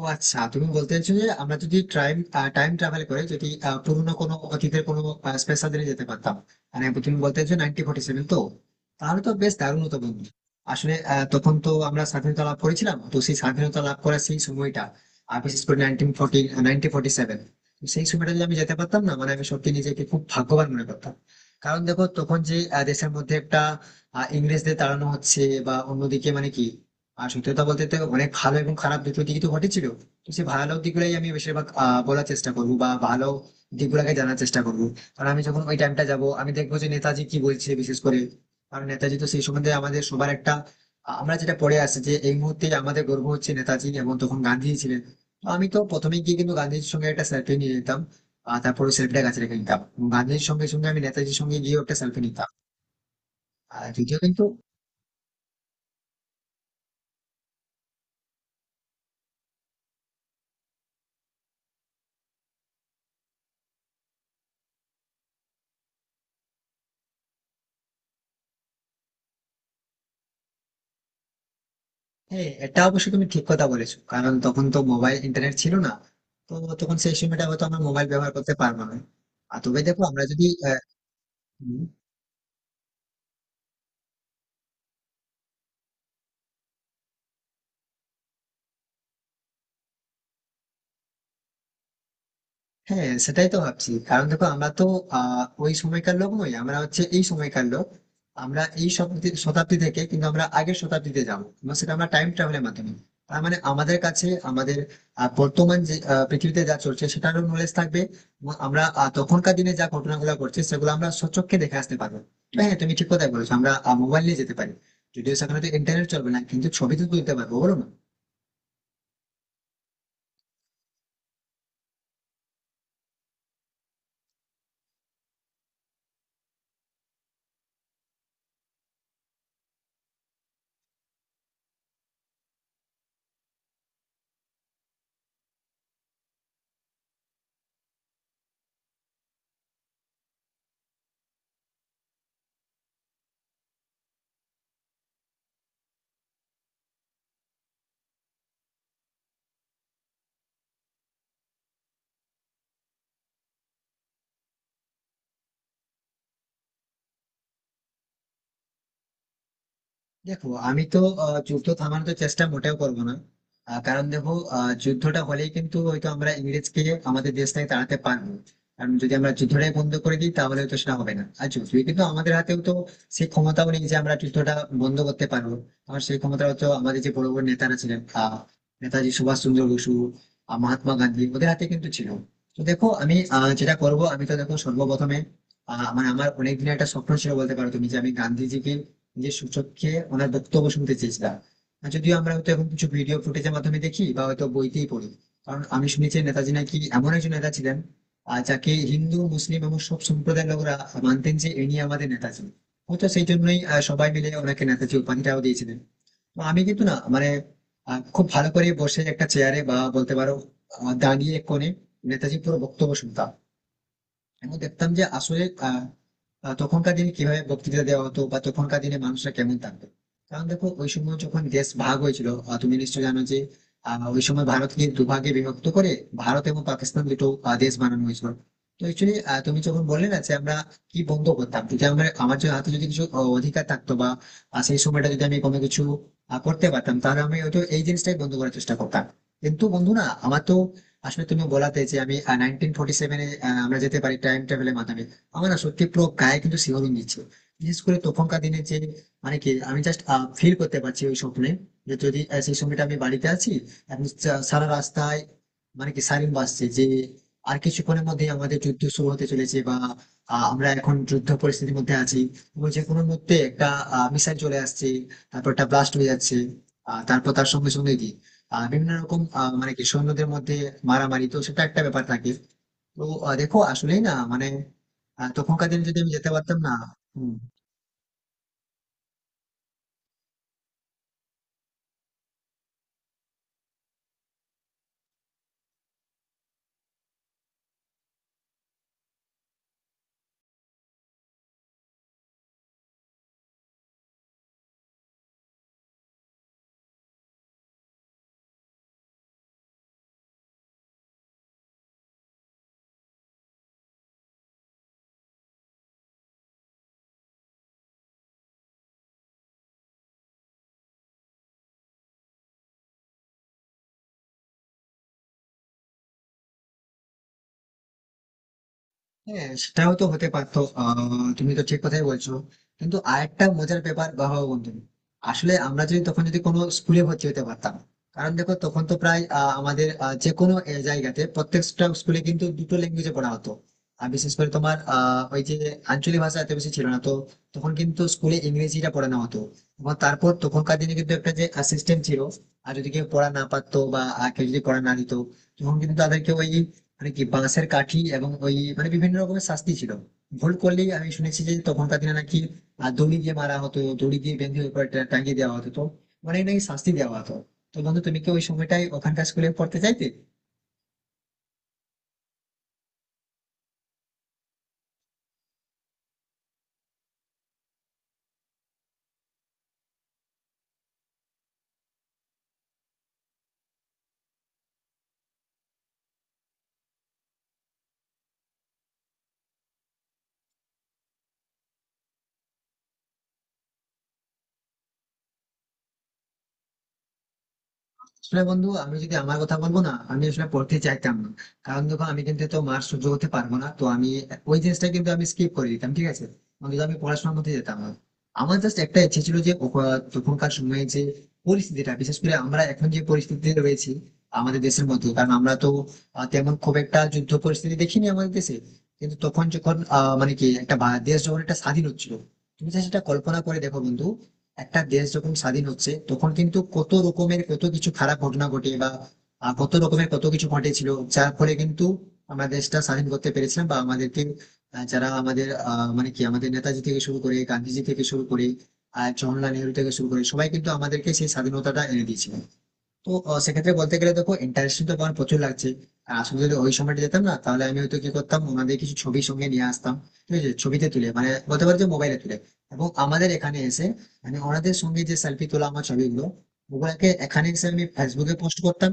ও আচ্ছা, তুমি বলতে চাইছো যে আমরা যদি টাইম টাইম ট্রাভেল করে যদি পুরোনো কোনো অতীতের কোনো স্পেশাল দিনে যেতে পারতাম। মানে তুমি বলতে চাইছো 1947 তো? তাহলে তো বেশ দারুণ হতো বন্ধু। আসলে তখন তো আমরা স্বাধীনতা লাভ করেছিলাম, তো সেই স্বাধীনতা লাভ করার সেই সময়টা, আর বিশেষ করে 1947, সেই সময়টা যদি আমি যেতে পারতাম না, মানে আমি সত্যি নিজেকে খুব ভাগ্যবান মনে করতাম। কারণ দেখো তখন যে দেশের মধ্যে একটা ইংরেজদের তাড়ানো হচ্ছে, বা অন্যদিকে মানে কি। আর সত্যি কথা বলতে তো অনেক ভালো এবং খারাপ দুটো দিকই তো ঘটেছিল, তো সেই ভালো দিকগুলোই আমি বেশিরভাগ বলার চেষ্টা করবো বা ভালো দিকগুলোকে জানার চেষ্টা করবো। কারণ আমি যখন ওই টাইমটা যাব আমি দেখবো যে নেতাজি কি বলছে বিশেষ করে। কারণ নেতাজি তো সেই সম্বন্ধে আমাদের সবার একটা আমরা যেটা পড়ে আসছি যে এই মুহূর্তে আমাদের গর্ব হচ্ছে নেতাজি, এবং তখন গান্ধী ছিলেন। তো আমি তো প্রথমে গিয়ে কিন্তু গান্ধীজির সঙ্গে একটা সেলফি নিয়ে নিতাম, আর তারপরে সেলফিটা কাছে রেখে নিতাম। গান্ধীজির সঙ্গে সঙ্গে আমি নেতাজির সঙ্গে গিয়ে একটা সেলফি নিতাম। আর যদিও কিন্তু হ্যাঁ, এটা অবশ্য তুমি ঠিক কথা বলেছো, কারণ তখন তো মোবাইল ইন্টারনেট ছিল না। তো তখন সেই সময়টা হয়তো আমরা মোবাইল ব্যবহার করতে পারবো না। আর তবে দেখো আমরা যদি আহ, হ্যাঁ, সেটাই তো ভাবছি। কারণ দেখো আমরা তো ওই সময়কার লোক নই, আমরা হচ্ছে এই সময়কার লোক। আমরা এই শতাব্দী শতাব্দী থেকে কিন্তু আমরা আগের শতাব্দীতে যাবো, এবং সেটা আমরা টাইম ট্রাভেলের মাধ্যমে। তার মানে আমাদের কাছে আমাদের বর্তমান যে পৃথিবীতে যা চলছে সেটারও নলেজ থাকবে, এবং আমরা তখনকার দিনে যা ঘটনাগুলো ঘটছে সেগুলো আমরা স্বচক্ষে দেখে আসতে পারবো। তো হ্যাঁ, তুমি ঠিক কথাই বলেছো, আমরা মোবাইল নিয়ে যেতে পারি। যদিও সেখানে তো ইন্টারনেট চলবে না, কিন্তু ছবি তো তুলতে পারবো বলো না। দেখো আমি তো যুদ্ধ থামানোর চেষ্টা মোটেও করবো না। কারণ দেখো যুদ্ধটা হলেই কিন্তু হয়তো আমরা ইংরেজকে আমাদের দেশ থেকে তাড়াতে পারবো। কারণ যদি আমরা যুদ্ধটাই বন্ধ করে দিই তাহলে তো সেটা হবে না, আর যদিও কিন্তু আমাদের হাতেও তো সেই ক্ষমতাও নেই যে আমরা যুদ্ধটা বন্ধ করতে পারবো। কারণ সেই ক্ষমতাও তো আমাদের যে বড় বড় নেতারা ছিলেন নেতাজি সুভাষ চন্দ্র বসু, মহাত্মা গান্ধী, ওদের হাতে কিন্তু ছিল। তো দেখো আমি যেটা করব, আমি তো দেখো সর্বপ্রথমে মানে আমার অনেকদিনের একটা স্বপ্ন ছিল বলতে পারো তুমি, যে আমি গান্ধীজিকে, যে সূচককে ওনার বক্তব্য শুনতে চেয়েছিলাম। আর যদিও আমরা হয়তো এখন কিছু ভিডিও ফুটেজের মাধ্যমে দেখি বা হয়তো বইতেই পড়ি। কারণ আমি শুনেছি নেতাজি নাকি এমন একজন নেতা ছিলেন যাকে হিন্দু, মুসলিম এবং সব সম্প্রদায়ের লোকরা মানতেন যে ইনি আমাদের নেতাজি। হয়তো সেই জন্যই সবাই মিলে ওনাকে নেতাজি উপাধিটাও দিয়েছিলেন। তো আমি কিন্তু না মানে খুব ভালো করে বসে একটা চেয়ারে, বা বলতে পারো দাঁড়িয়ে এক কোণে নেতাজি পুরো বক্তব্য শুনতাম। এবং দেখতাম যে আসলে আহ, আহ, তখনকার দিনে কিভাবে বক্তৃতা দেওয়া হতো বা তখনকার দিনে মানুষরা কেমন থাকতো। কারণ দেখো ওই সময় যখন দেশ ভাগ হয়েছিল, তুমি নিশ্চয়ই জানো যে ওই সময় ভারতকে দুভাগে বিভক্ত করে ভারত এবং পাকিস্তান দুটো দেশ বানানো হয়েছিল। তো অ্যাকচুয়ালি তুমি যখন বললে না যে আমরা কি বন্ধ করতাম, যদি আমার আমার যদি হাতে যদি কিছু অধিকার থাকতো, বা সেই সময়টা যদি আমি কোনো কিছু করতে পারতাম, তাহলে আমি হয়তো এই জিনিসটাই বন্ধ করার চেষ্টা করতাম। কিন্তু বন্ধু না, আমার তো আসলে তুমি বলাতে যে আমি 1947-এ আমরা যেতে পারি টাইম ট্রাভেলের মাধ্যমে, আমার না সত্যি পুরো গায়ে কিন্তু শিহরণ দিচ্ছে। বিশেষ করে তখনকার দিনে যে মানে কি, আমি জাস্ট ফিল করতে পারছি ওই স্বপ্নে, যে যদি সেই সময়টা আমি বাড়িতে আছি এবং সারা রাস্তায় মানে কি সাইরেন বাজছে যে আর কিছুক্ষণের মধ্যে আমাদের যুদ্ধ শুরু হতে চলেছে, বা আমরা এখন যুদ্ধ পরিস্থিতির মধ্যে আছি, এবং যে কোনো মুহূর্তে একটা মিসাইল চলে আসছে, তারপর একটা ব্লাস্ট হয়ে যাচ্ছে। তারপর তার সঙ্গে সঙ্গে কি বিভিন্ন রকম মানে কি সৈন্যদের মধ্যে মারামারি, তো সেটা একটা ব্যাপার থাকে। তো দেখো আসলেই না মানে তখনকার দিনে যদি আমি যেতে পারতাম না। হম। হ্যাঁ, সেটাও তো হতে পারতো। তুমি তো ঠিক কথাই বলছো, কিন্তু আরেকটা মজার ব্যাপার বাবা বন্ধু, আসলে আমরা যদি তখন যদি কোনো স্কুলে ভর্তি হতে পারতাম। কারণ দেখো তখন তো প্রায় আমাদের যে কোনো জায়গাতে প্রত্যেকটা স্কুলে কিন্তু দুটো ল্যাঙ্গুয়েজে পড়া হতো। আর বিশেষ করে তোমার ওই যে আঞ্চলিক ভাষা এত বেশি ছিল না, তো তখন কিন্তু স্কুলে ইংরেজিটা পড়ানো হতো। এবং তারপর তখনকার দিনে কিন্তু একটা যে সিস্টেম ছিল, আর যদি কেউ পড়া না পারতো বা কেউ যদি পড়া না নিত, তখন কিন্তু তাদেরকে ওই মানে কি বাঁশের কাঠি এবং ওই মানে বিভিন্ন রকমের শাস্তি ছিল। ভুল করলেই আমি শুনেছি যে তখনকার দিনে নাকি দড়ি দিয়ে মারা হতো, দড়ি দিয়ে বেঁধে উপরে টাঙিয়ে দেওয়া হতো, তো অনেক নাকি শাস্তি দেওয়া হতো। তো বন্ধু, তুমি কি ওই সময়টাই ওখানকার স্কুলে পড়তে চাইতে? আসলে বন্ধু আমি যদি আমার কথা বলবো না, আমি আসলে পড়তে চাইতাম না। কারণ দেখো আমি কিন্তু তো মার সহ্য করতে পারবো না, তো আমি ওই জিনিসটা কিন্তু আমি স্কিপ করে দিতাম, ঠিক আছে। অন্তত আমি পড়াশোনার মধ্যে যেতাম না। আমার জাস্ট একটা ইচ্ছে ছিল যে তখনকার সময়ে যে পরিস্থিতিটা, বিশেষ করে আমরা এখন যে পরিস্থিতিতে রয়েছি আমাদের দেশের মধ্যে, কারণ আমরা তো তেমন খুব একটা যুদ্ধ পরিস্থিতি দেখিনি আমাদের দেশে। কিন্তু তখন যখন মানে কি একটা দেশ যখন একটা স্বাধীন হচ্ছিল, তুমি just সেটা কল্পনা করে দেখো বন্ধু, একটা দেশ যখন স্বাধীন হচ্ছে তখন কিন্তু কত রকমের কত কিছু খারাপ ঘটনা ঘটে, বা কত রকমের কত কিছু ঘটেছিল, যার ফলে কিন্তু আমরা দেশটা স্বাধীন করতে পেরেছিলাম, বা আমাদেরকে যারা আমাদের মানে কি আমাদের নেতাজি থেকে শুরু করে গান্ধীজি থেকে শুরু করে আর জওহরলাল নেহরু থেকে শুরু করে সবাই কিন্তু আমাদেরকে সেই স্বাধীনতাটা এনে দিয়েছিল। তো সেক্ষেত্রে বলতে গেলে দেখো, ইন্টারেস্টিং তো আমার প্রচুর লাগছে। আর আসলে যদি ওই সময়টা যেতাম না, তাহলে আমি হয়তো কি করতাম, ওনাদের কিছু ছবি সঙ্গে নিয়ে আসতাম, ঠিক আছে? ছবিতে তুলে মানে বলতে পারো যে মোবাইলে তুলে, এবং আমাদের এখানে এসে মানে ওনাদের সঙ্গে যে সেলফি তোলা আমার ছবিগুলো, ওগুলাকে এখানে এসে আমি ফেসবুকে পোস্ট করতাম।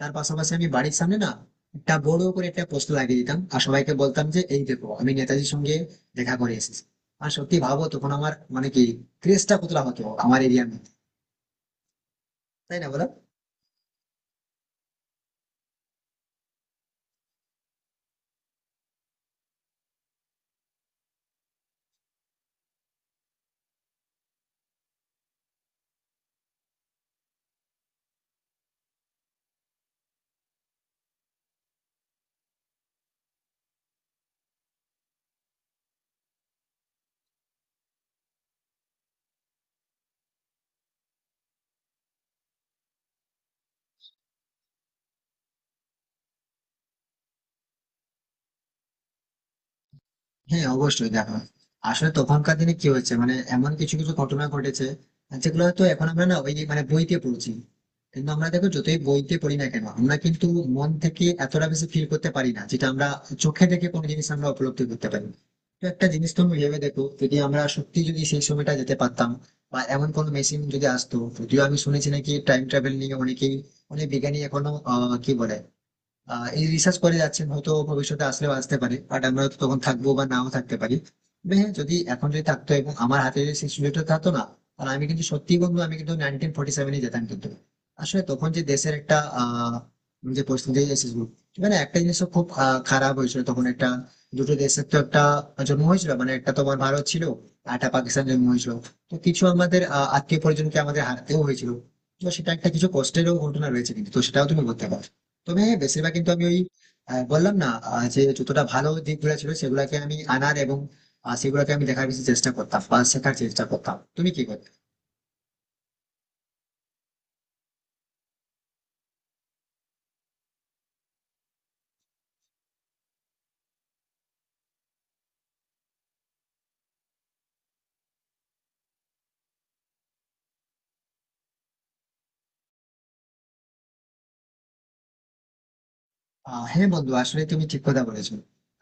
তার পাশাপাশি আমি বাড়ির সামনে না একটা বড় করে একটা পোস্ট লাগিয়ে দিতাম, আর সবাইকে বলতাম যে এই দেখো আমি নেতাজির সঙ্গে দেখা করে এসেছি। আর সত্যি ভাবো তখন আমার মানে কি ক্রেজটা কতটা হতো আমার এরিয়ার মধ্যে, তাই না বলো? হ্যাঁ, অবশ্যই দেখো, আসলে তখনকার দিনে কি হয়েছে মানে এমন কিছু কিছু ঘটনা ঘটেছে যেগুলো হয়তো এখন আমরা না ওই মানে বইতে পড়ছি। কিন্তু আমরা দেখো যতই বইতে পড়ি না কেন, আমরা কিন্তু মন থেকে এতটা বেশি ফিল করতে পারি না, যেটা আমরা চোখে দেখে কোনো জিনিস আমরা উপলব্ধি করতে পারি। তো একটা জিনিস তুমি ভেবে দেখো, যদি আমরা সত্যি যদি সেই সময়টা যেতে পারতাম বা এমন কোনো মেশিন যদি আসতো, যদিও আমি শুনেছি নাকি টাইম ট্রাভেল নিয়ে অনেকেই, অনেক বিজ্ঞানী এখনো কি বলে এই রিসার্চ করে যাচ্ছেন। হয়তো ভবিষ্যতে আসলেও আসতে পারে, বাট আমরা তো তখন থাকবো বা নাও থাকতে পারি। তবে হ্যাঁ, যদি এখন যদি থাকতো এবং আমার হাতে যদি সেই সুযোগটা থাকতো না, তাহলে আমি কিন্তু সত্যি বন্ধু, আমি কিন্তু 1947-এ যেতাম কিন্তু। আসলে তখন যে দেশের একটা আহ যে পরিস্থিতি এসেছিল, মানে একটা জিনিস তো খুব খারাপ হয়েছিল তখন, একটা দুটো দেশের তো একটা জন্ম হয়েছিল, মানে একটা তোমার ভারত ছিল আর একটা পাকিস্তান জন্ম হয়েছিল। তো কিছু আমাদের আত্মীয় পরিজনকে আমাদের হারাতেও হয়েছিল, তো সেটা একটা কিছু কষ্টেরও ঘটনা রয়েছে কিন্তু, তো সেটাও তুমি বলতে পারো। তবে হ্যাঁ, বেশিরভাগ কিন্তু আমি ওই বললাম না যে যতটা ভালো দিকগুলো ছিল সেগুলাকে আমি আনার, এবং সেগুলোকে আমি দেখার বেশি চেষ্টা করতাম বা শেখার চেষ্টা করতাম। তুমি কি করতে? হ্যাঁ বন্ধু, আসলে তুমি ঠিক কথা বলেছো।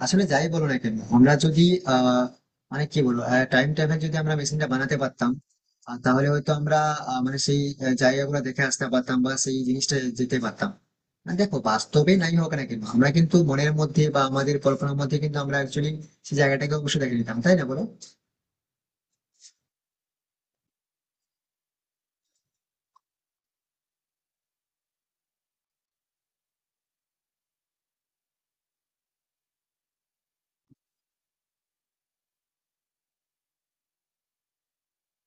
আসলে যাই বলো না কেন, আমরা যদি আহ মানে কি বলবো, টাইম ট্রাভেল যদি আমরা মেশিনটা বানাতে পারতাম, তাহলে হয়তো আমরা মানে সেই জায়গাগুলো দেখে আসতে পারতাম বা সেই জিনিসটা যেতে পারতাম। আর দেখো বাস্তবে নাই হোক না কেন, আমরা কিন্তু মনের মধ্যে বা আমাদের কল্পনার মধ্যে কিন্তু আমরা অ্যাকচুয়ালি সেই জায়গাটাকে অবশ্যই দেখে নিতাম, তাই না বলো?